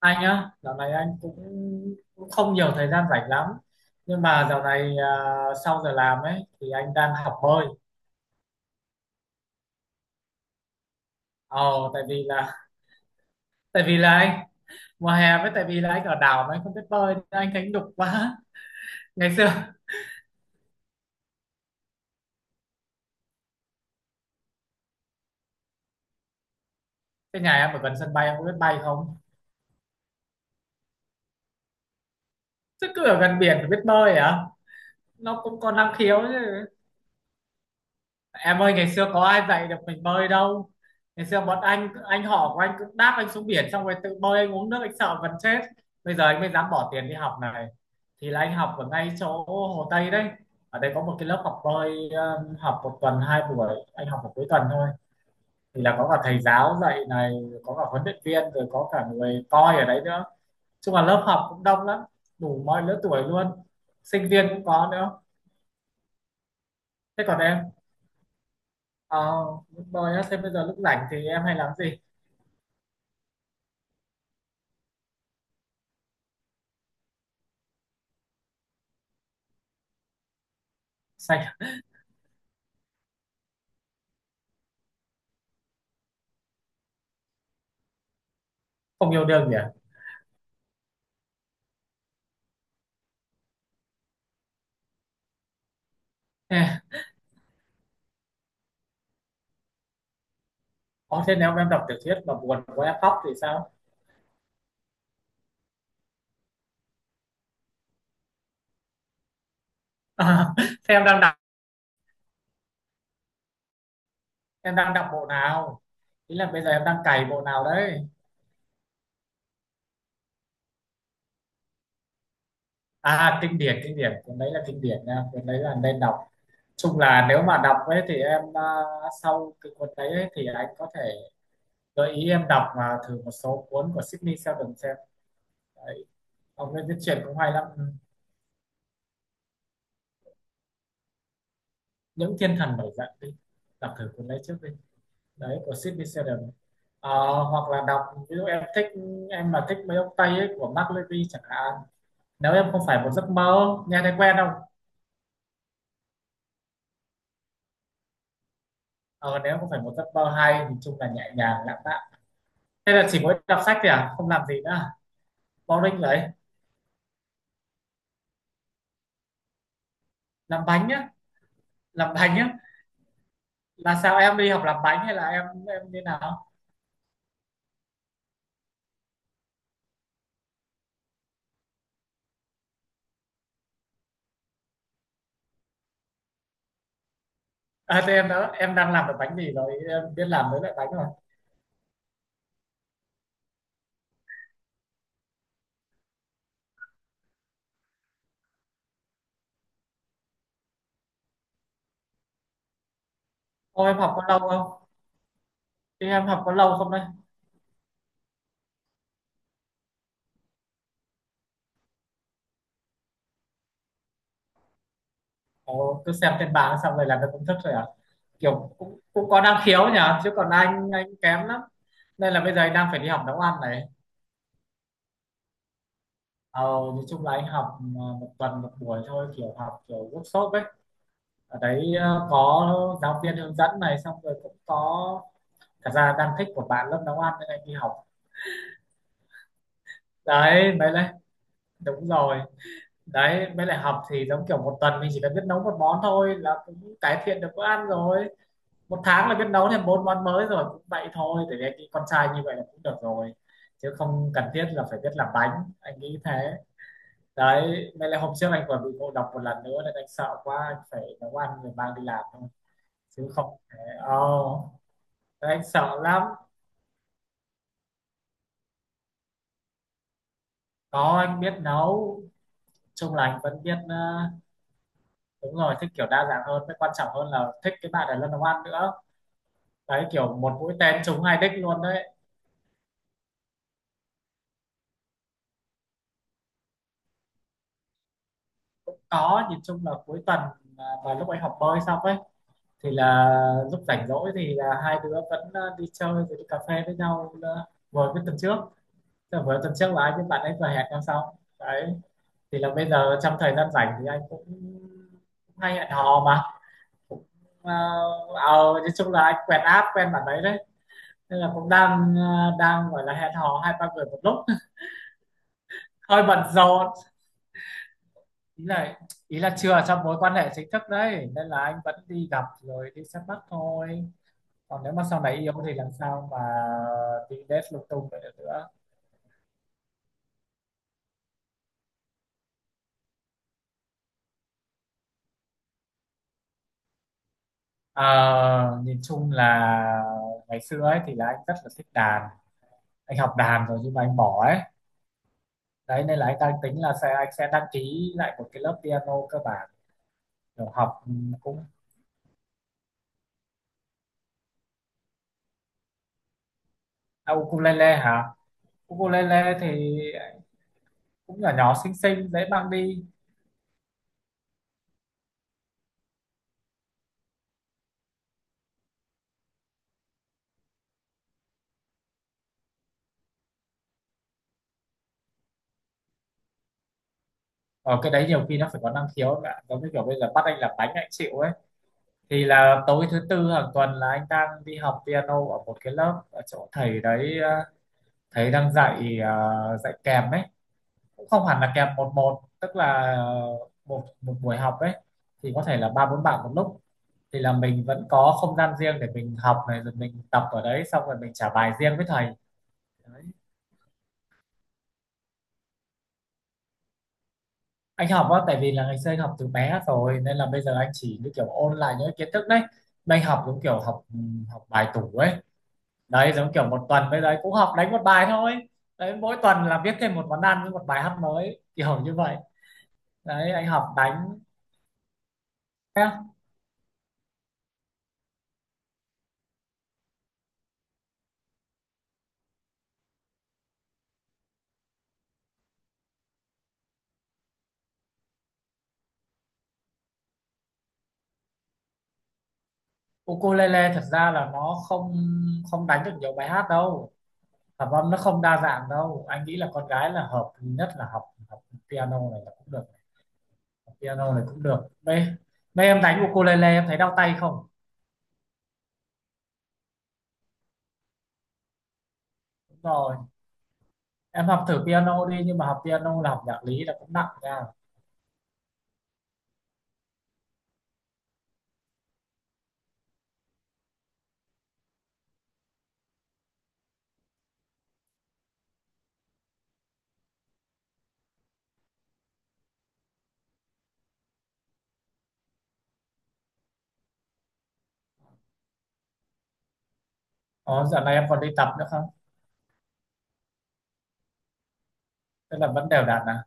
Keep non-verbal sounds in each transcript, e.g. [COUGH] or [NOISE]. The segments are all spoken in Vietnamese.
Anh á, dạo này anh cũng cũng không nhiều thời gian rảnh lắm. Nhưng mà dạo này, sau giờ làm ấy thì anh đang học bơi. Ồ, tại vì là anh mùa hè với tại vì là anh ở đảo mà anh không biết bơi nên anh thấy nhục quá. [LAUGHS] Ngày xưa cái nhà em ở gần sân bay em có biết bay không? Chứ cứ ở gần biển phải biết bơi à? Nó cũng còn năng khiếu chứ. Em ơi, ngày xưa có ai dạy được mình bơi đâu. Ngày xưa bọn anh họ của anh cũng đáp anh xuống biển. Xong rồi tự bơi anh uống nước, anh sợ gần chết. Bây giờ anh mới dám bỏ tiền đi học này. Thì là anh học ở ngay chỗ Hồ Tây đấy. Ở đây có một cái lớp học bơi. Học một tuần hai buổi, anh học một cuối tuần thôi. Thì là có cả thầy giáo dạy này, có cả huấn luyện viên, rồi có cả người coi ở đấy nữa. Chung là lớp học cũng đông lắm, đủ mọi lứa tuổi luôn, sinh viên cũng có nữa. Thế còn em? Ờ, bơi á, thế bây giờ lúc rảnh thì em hay làm gì? Sao không yêu đương nhỉ? Ê, ồ, thế nếu em đọc tiểu thuyết mà buồn quá em khóc thì sao? [LAUGHS] thế em đang đọc, em đang đọc bộ nào, ý là bây giờ em đang cày bộ nào đấy? À, kinh điển kinh điển, cuốn đấy là kinh điển nha, cuốn đấy là nên đọc. Chung là nếu mà đọc ấy thì em, sau cái cuốn đấy ấy, thì anh có thể gợi ý em đọc, mà thử một số cuốn của Sydney Sheldon xem đấy. Ông ấy viết truyện cũng hay lắm. Ừ. Những thiên thần nổi dậy đi, đọc thử cuốn đấy trước đi. Đấy của Sidney Sheldon. Ờ, hoặc là đọc ví dụ em thích, em mà thích mấy ông Tây ấy, của Mark Levy chẳng hạn. Nếu em không phải một giấc mơ, nghe thấy quen không? Ờ, Nếu không phải một giấc mơ hay thì chung là nhẹ nhàng lãng mạn. Thế là chỉ mỗi đọc sách thì không làm gì nữa à? Boring đấy. Làm bánh á? Làm bánh á là sao, em đi học làm bánh hay là em như nào? À, thế em đó, em đang làm được bánh gì rồi, em biết làm mấy loại bánh rồi? Ô em học có lâu không, thì em học có lâu không đây? Ồ, cứ xem trên mạng xong rồi là nó cũng thích rồi à? Kiểu cũng cũng có năng khiếu nhỉ, chứ còn anh kém lắm. Nên là bây giờ anh đang phải đi học nấu ăn này. Ờ, nói chung là anh học một tuần một buổi thôi, kiểu học kiểu workshop ấy. Ở đấy có giáo viên hướng dẫn này, xong rồi cũng có, thật ra đang thích một bạn lớp nấu ăn nên anh đi học. Đấy mới lại. Đúng rồi. Đấy mới lại, học thì giống kiểu một tuần mình chỉ cần biết nấu một món thôi là cũng cải thiện được bữa ăn rồi. Một tháng là biết nấu thêm bốn món mới rồi, cũng vậy thôi, để cái con trai như vậy là cũng được rồi. Chứ không cần thiết là phải biết làm bánh, anh nghĩ thế. Đấy nên là hôm trước anh còn bị ngộ độc một lần nữa nên anh sợ quá, anh phải nấu ăn rồi mang đi làm thôi, chứ không thể. oh, anh sợ lắm. Có, anh biết nấu, chung là anh vẫn biết, đúng rồi, thích kiểu đa dạng hơn, cái quan trọng hơn là thích cái bạn ở lên nấu ăn nữa. Đấy, kiểu một mũi tên trúng hai đích luôn đấy. Có, nhìn chung là cuối tuần, và lúc anh học bơi xong ấy thì là lúc rảnh rỗi thì là hai đứa vẫn, đi chơi rồi đi cà phê với nhau, vừa với tuần trước. Tức là vừa tuần trước là anh với bạn ấy vừa hẹn nhau xong đấy. Thì là bây giờ trong thời gian rảnh thì anh cũng hay hẹn hò mà, cũng ờ, nói chung là anh quen app quen bạn đấy đấy, nên là cũng đang, đang gọi là hẹn hò hai ba người một lúc, hơi bận rộn. Ý là ý là chưa trong mối quan hệ chính thức đấy, nên là anh vẫn đi gặp rồi đi xem mắt thôi, còn nếu mà sau này yêu thì làm sao mà đi date lung tung vậy được nữa. Ờ, nhìn chung là ngày xưa ấy thì là anh rất là thích đàn, anh học đàn rồi nhưng mà anh bỏ ấy. Đấy nên là anh đang tính là anh sẽ đăng ký lại một cái lớp piano cơ bản. Kiểu học, cũng, ukulele hả? Ukulele thì cũng nhỏ nhỏ xinh xinh, dễ mang đi. Ở cái đấy nhiều khi nó phải có năng khiếu ấy bạn, giống như kiểu bây giờ bắt anh làm bánh anh chịu ấy. Thì là tối thứ tư hàng tuần là anh đang đi học piano ở một cái lớp ở chỗ thầy đấy, thầy đang dạy, dạy kèm ấy. Cũng không hẳn là kèm một một, tức là một một buổi học ấy, thì có thể là ba bốn bạn một lúc. Thì là mình vẫn có không gian riêng để mình học này, rồi mình tập ở đấy xong rồi mình trả bài riêng với thầy đấy. Anh học á, tại vì là ngày xưa anh học từ bé rồi nên là bây giờ anh chỉ như kiểu ôn lại những cái kiến thức đấy. Mà anh học giống kiểu học, học bài tủ ấy. Đấy, giống kiểu một tuần bây giờ cũng học đánh một bài thôi. Đấy, mỗi tuần là viết thêm một món ăn với một bài hát mới kiểu như vậy. Đấy anh học đánh. Thế, ukulele thật ra là nó không không đánh được nhiều bài hát đâu, hợp âm nó không đa dạng đâu. Anh nghĩ là con gái là hợp nhất là học học piano này là cũng được, học piano này cũng được đây. Đây em đánh ukulele em thấy đau tay không? Đúng rồi, em học thử piano đi, nhưng mà học piano là học nhạc lý là cũng nặng nha. Ồ, giờ này em còn đi tập nữa không? Tức là vẫn đều đặn à?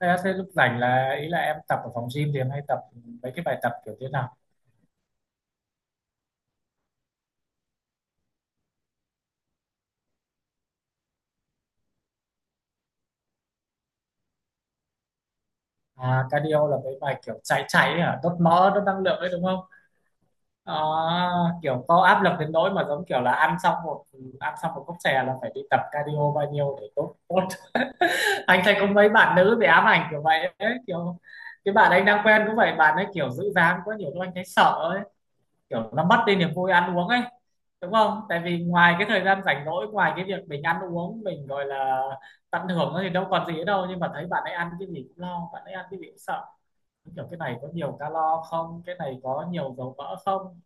Thế, thế lúc rảnh là ý là em tập ở phòng gym thì em hay tập mấy cái bài tập kiểu thế nào? À, cardio là mấy bài kiểu chạy chạy ấy hả? Đốt mỡ, đốt năng lượng ấy đúng không? À, kiểu có áp lực đến nỗi mà giống kiểu là ăn xong một cốc chè là phải đi tập cardio bao nhiêu để đốt đốt. [LAUGHS] Anh thấy có mấy bạn nữ bị ám ảnh kiểu vậy ấy, kiểu cái bạn anh đang quen cũng vậy, bạn ấy kiểu giữ dáng quá nhiều lúc anh thấy sợ ấy. Kiểu nó mất đi niềm vui ăn uống ấy, đúng không? Tại vì ngoài cái thời gian rảnh rỗi, ngoài cái việc mình ăn uống mình gọi là tận hưởng nó thì đâu còn gì nữa đâu, nhưng mà thấy bạn ấy ăn cái gì cũng lo, bạn ấy ăn cái gì cũng sợ. Kiểu cái này có nhiều calo không, cái này có nhiều dầu mỡ không?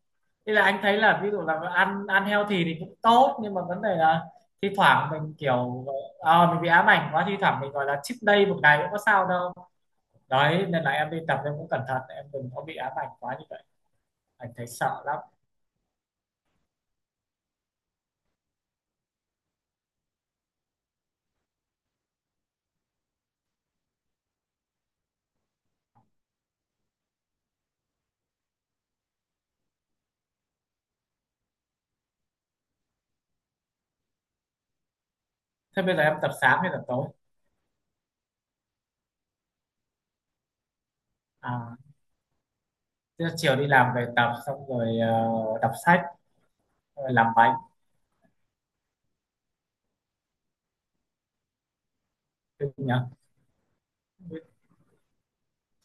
Thế là anh thấy là ví dụ là ăn ăn healthy thì cũng tốt, nhưng mà vấn đề là thi thoảng mình kiểu, mình bị ám ảnh quá, thi thoảng mình gọi là cheat day một ngày cũng có sao đâu. Đấy nên là em đi tập em cũng cẩn thận, em đừng có bị ám ảnh quá như vậy, anh thấy sợ lắm. Thế bây giờ em tập sáng hay tập tối? À, thế chiều đi làm về tập xong rồi, đọc sách rồi làm bánh. Ừ.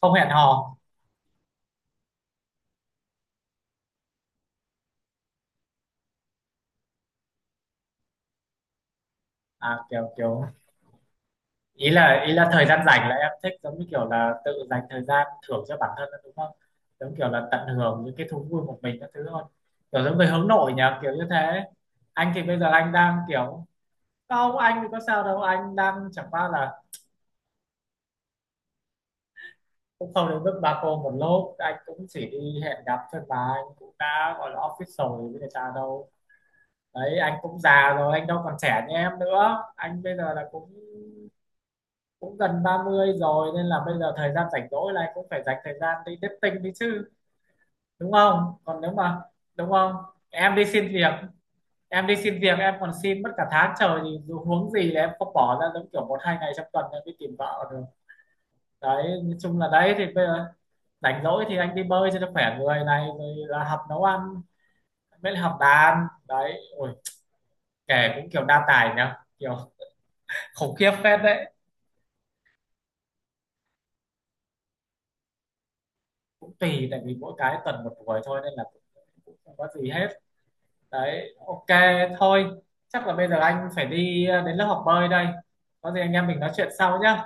Không hẹn hò? À, kiểu kiểu ý là thời gian rảnh là em thích giống như kiểu là tự dành thời gian thưởng cho bản thân đó, đúng không? Giống kiểu là tận hưởng những cái thú vui một mình các thứ thôi. Kiểu giống người hướng nội nhỉ, kiểu như thế. Anh thì bây giờ anh đang kiểu. Không, anh thì có sao đâu, anh đang chẳng qua là cũng không đến mức ba cô một lốp, anh cũng chỉ đi hẹn gặp thôi, mà anh cũng đã gọi là office rồi với người ta đâu. Đấy anh cũng già rồi, anh đâu còn trẻ như em nữa. Anh bây giờ là cũng cũng gần 30 rồi, nên là bây giờ thời gian rảnh rỗi là anh cũng phải dành thời gian đi dating đi chứ. Đúng không? Còn nếu mà, đúng không, em đi xin việc em đi xin việc em còn xin mất cả tháng trời, thì dù huống gì là em không bỏ ra giống kiểu một hai ngày trong tuần em đi tìm vợ được. Đấy nói chung là đấy thì bây giờ rảnh rỗi thì anh đi bơi cho nó khỏe người này, rồi là học nấu ăn, mới là học đàn đấy, ôi. Kể cũng kiểu đa tài nhá, kiểu. [LAUGHS] khủng khiếp phết đấy. Cũng tùy, tại vì mỗi cái tuần một buổi thôi, nên là cũng cũng không có gì hết. Đấy ok, thôi chắc là bây giờ anh phải đi đến lớp học bơi đây. Có gì anh em mình nói chuyện sau nhá.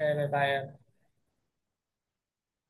Ok, bye bye.